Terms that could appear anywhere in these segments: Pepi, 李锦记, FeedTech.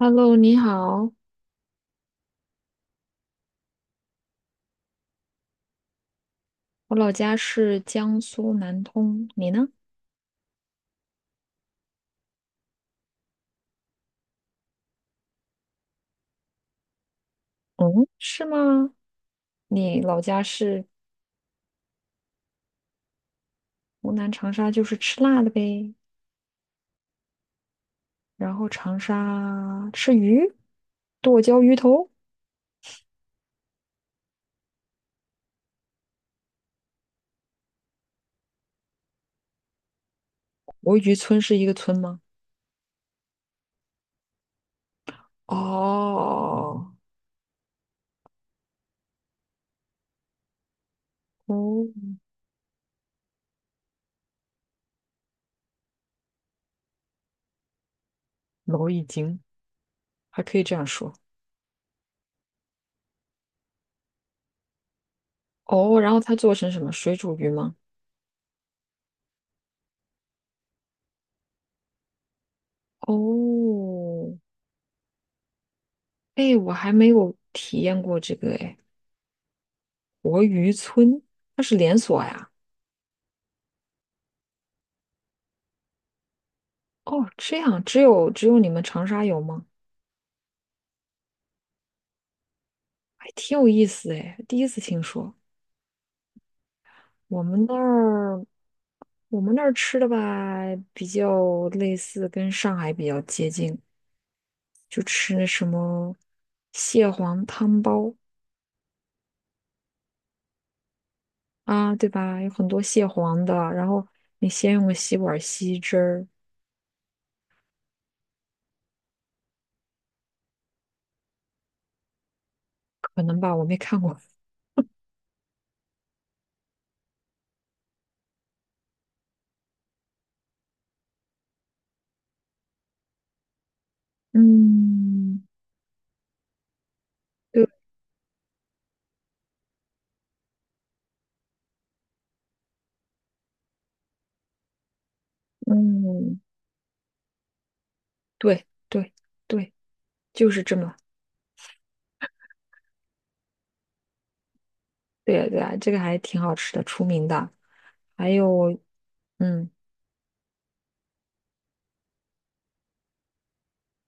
Hello，你好，我老家是江苏南通，你呢？嗯，是吗？你老家是湖南长沙，就是吃辣的呗。然后长沙吃鱼，剁椒鱼头。国鱼村是一个村吗？哦，哦，老已经还可以这样说。哦，然后它做成什么？水煮鱼吗？哦，哎，我还没有体验过这个哎。活鱼村，它是连锁呀。哦，这样只有你们长沙有吗？还挺有意思哎，第一次听说。我们那儿，我们那儿吃的吧，比较类似，跟上海比较接近，就吃那什么蟹黄汤包啊，对吧？有很多蟹黄的，然后你先用个吸管吸汁儿，可能吧，我没看过。嗯，对，嗯，对对对，就是这么。对呀对呀，这个还挺好吃的，出名的。还有，嗯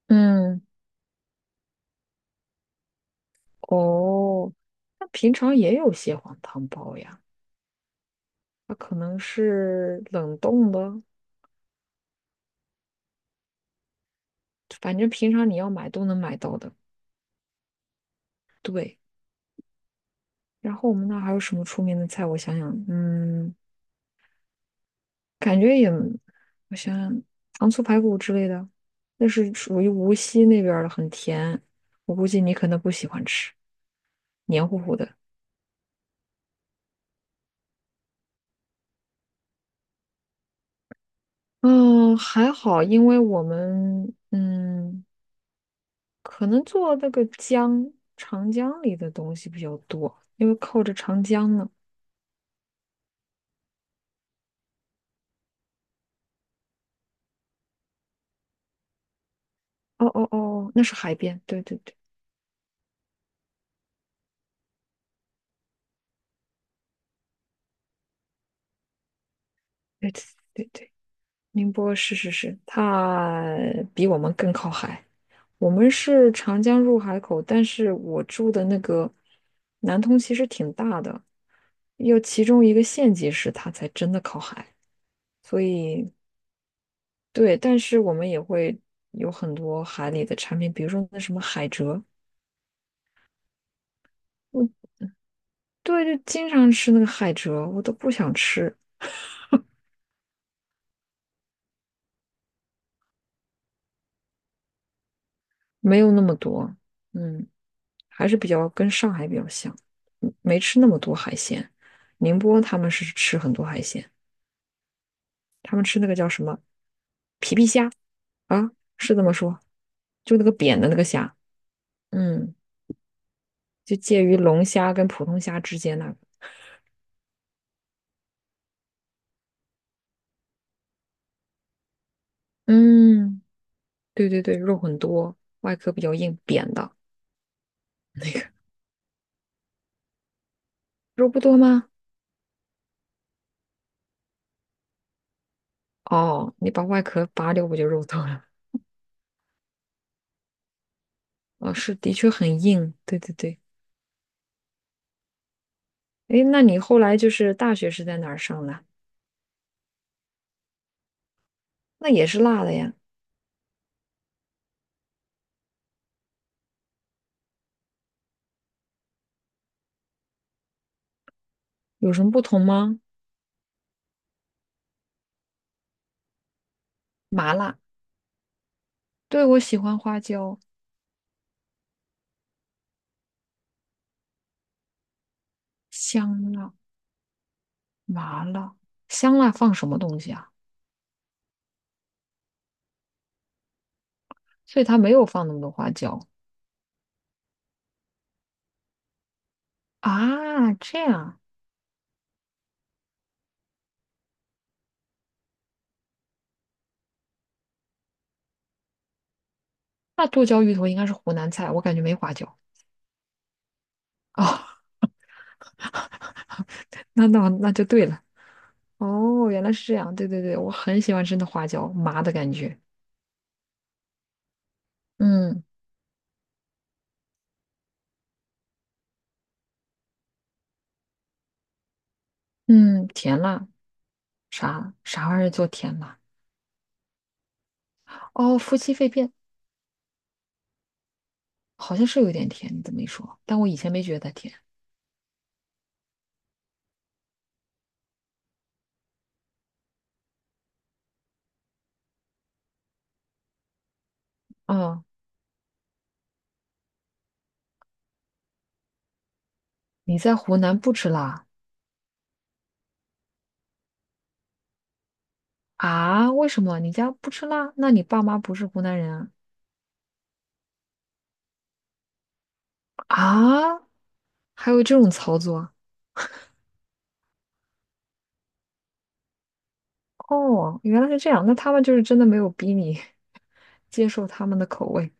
嗯，哦，那平常也有蟹黄汤包呀，它可能是冷冻的，反正平常你要买都能买到的。对，然后我们那儿还有什么出名的菜？我想想，嗯，感觉也，我想想，糖醋排骨之类的，那是属于无锡那边儿的，很甜，我估计你可能不喜欢吃，黏糊糊的。嗯，还好，因为我们嗯，可能做那个江长江里的东西比较多，因为靠着长江呢。哦哦哦，那是海边，对对对对对对对，宁波是是是，它比我们更靠海。我们是长江入海口，但是我住的那个南通其实挺大的，要其中一个县级市，它才真的靠海。所以对，但是我们也会有很多海里的产品，比如说那什么海蜇，我对，就经常吃那个海蜇，我都不想吃，没有那么多，嗯，还是比较跟上海比较像，嗯没吃那么多海鲜。宁波他们是吃很多海鲜，他们吃那个叫什么啊？是这么说，就那个扁的那个虾，嗯，就介于龙虾跟普通虾之间那个，嗯，对对对，肉很多，外壳比较硬，扁的，肉不多吗？哦，你把外壳拔掉不就肉豆了？哦，是，的确很硬。对对对。诶，那你后来就是大学是在哪儿上的？那也是辣的呀，有什么不同吗？麻辣，对，我喜欢花椒、香辣、麻辣。香辣放什么东西啊？所以它没有放那么多花椒啊。这样，那剁椒鱼头应该是湖南菜，我感觉没花椒。哦，那就对了。哦，原来是这样。对对对，我很喜欢吃那花椒麻的感觉。嗯嗯，甜辣，啥啥玩意儿叫甜辣？哦，夫妻肺片好像是有点甜，你这么一说，但我以前没觉得它甜。哦，你在湖南不吃辣啊？为什么？你家不吃辣？那你爸妈不是湖南人啊？啊？还有这种操作啊？哦，原来是这样，那他们就是真的没有逼你 接受他们的口味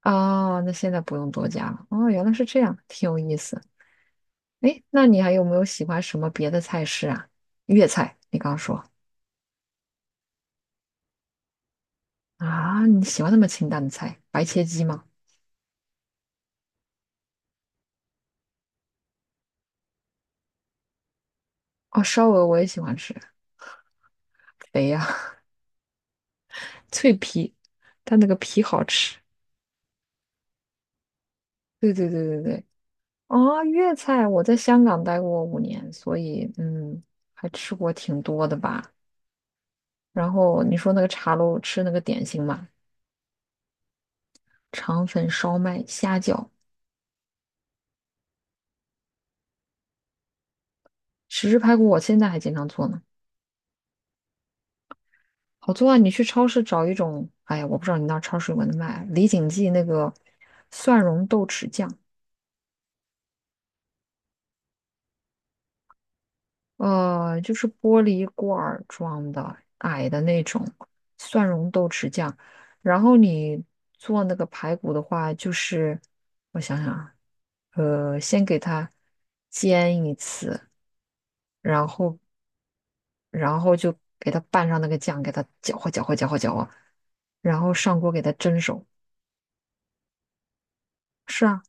啊。那现在不用多加了。哦，原来是这样，挺有意思。哎，那你还有没有喜欢什么别的菜式啊？粤菜，你刚说。啊，你喜欢那么清淡的菜？白切鸡吗？哦，烧鹅我也喜欢吃，肥呀、脆皮，但那个皮好吃。对对对对对。哦，粤菜我在香港待过5年，所以嗯，还吃过挺多的吧。然后你说那个茶楼吃那个点心嘛，肠粉、烧麦、虾饺、豉汁排骨，我现在还经常做呢。好做啊！你去超市找一种，哎呀，我不知道你那儿超市有没有卖李锦记那个蒜蓉豆豉酱，就是玻璃罐儿装的，矮的那种蒜蓉豆豉酱。然后你做那个排骨的话，就是我想想啊，先给它煎一次，然后然后就给它拌上那个酱，给它搅和搅和搅和搅和，然后上锅给它蒸熟。是啊，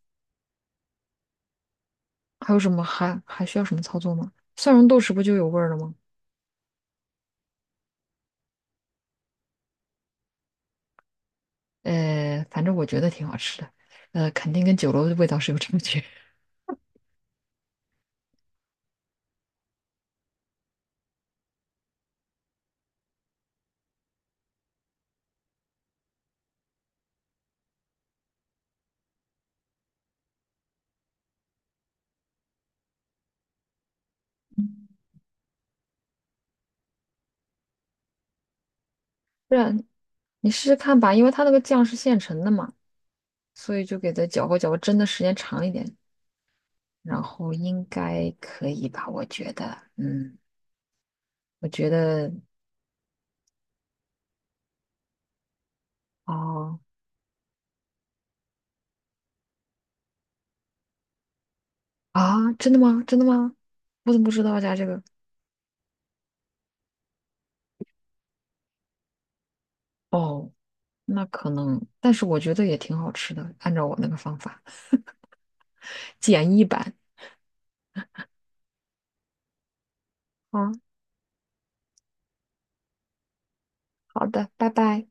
还有什么还需要什么操作吗？蒜蓉豆豉不就有味儿了吗？反正我觉得挺好吃的，肯定跟酒楼的味道是有差距。不然你试试看吧，因为它那个酱是现成的嘛，所以就给它搅和搅和，蒸的时间长一点，然后应该可以吧？我觉得，嗯，我觉得，哦，啊，真的吗？真的吗？我怎么不知道加这个？哦，那可能，但是我觉得也挺好吃的，按照我那个方法，简易版。啊，好的，拜拜。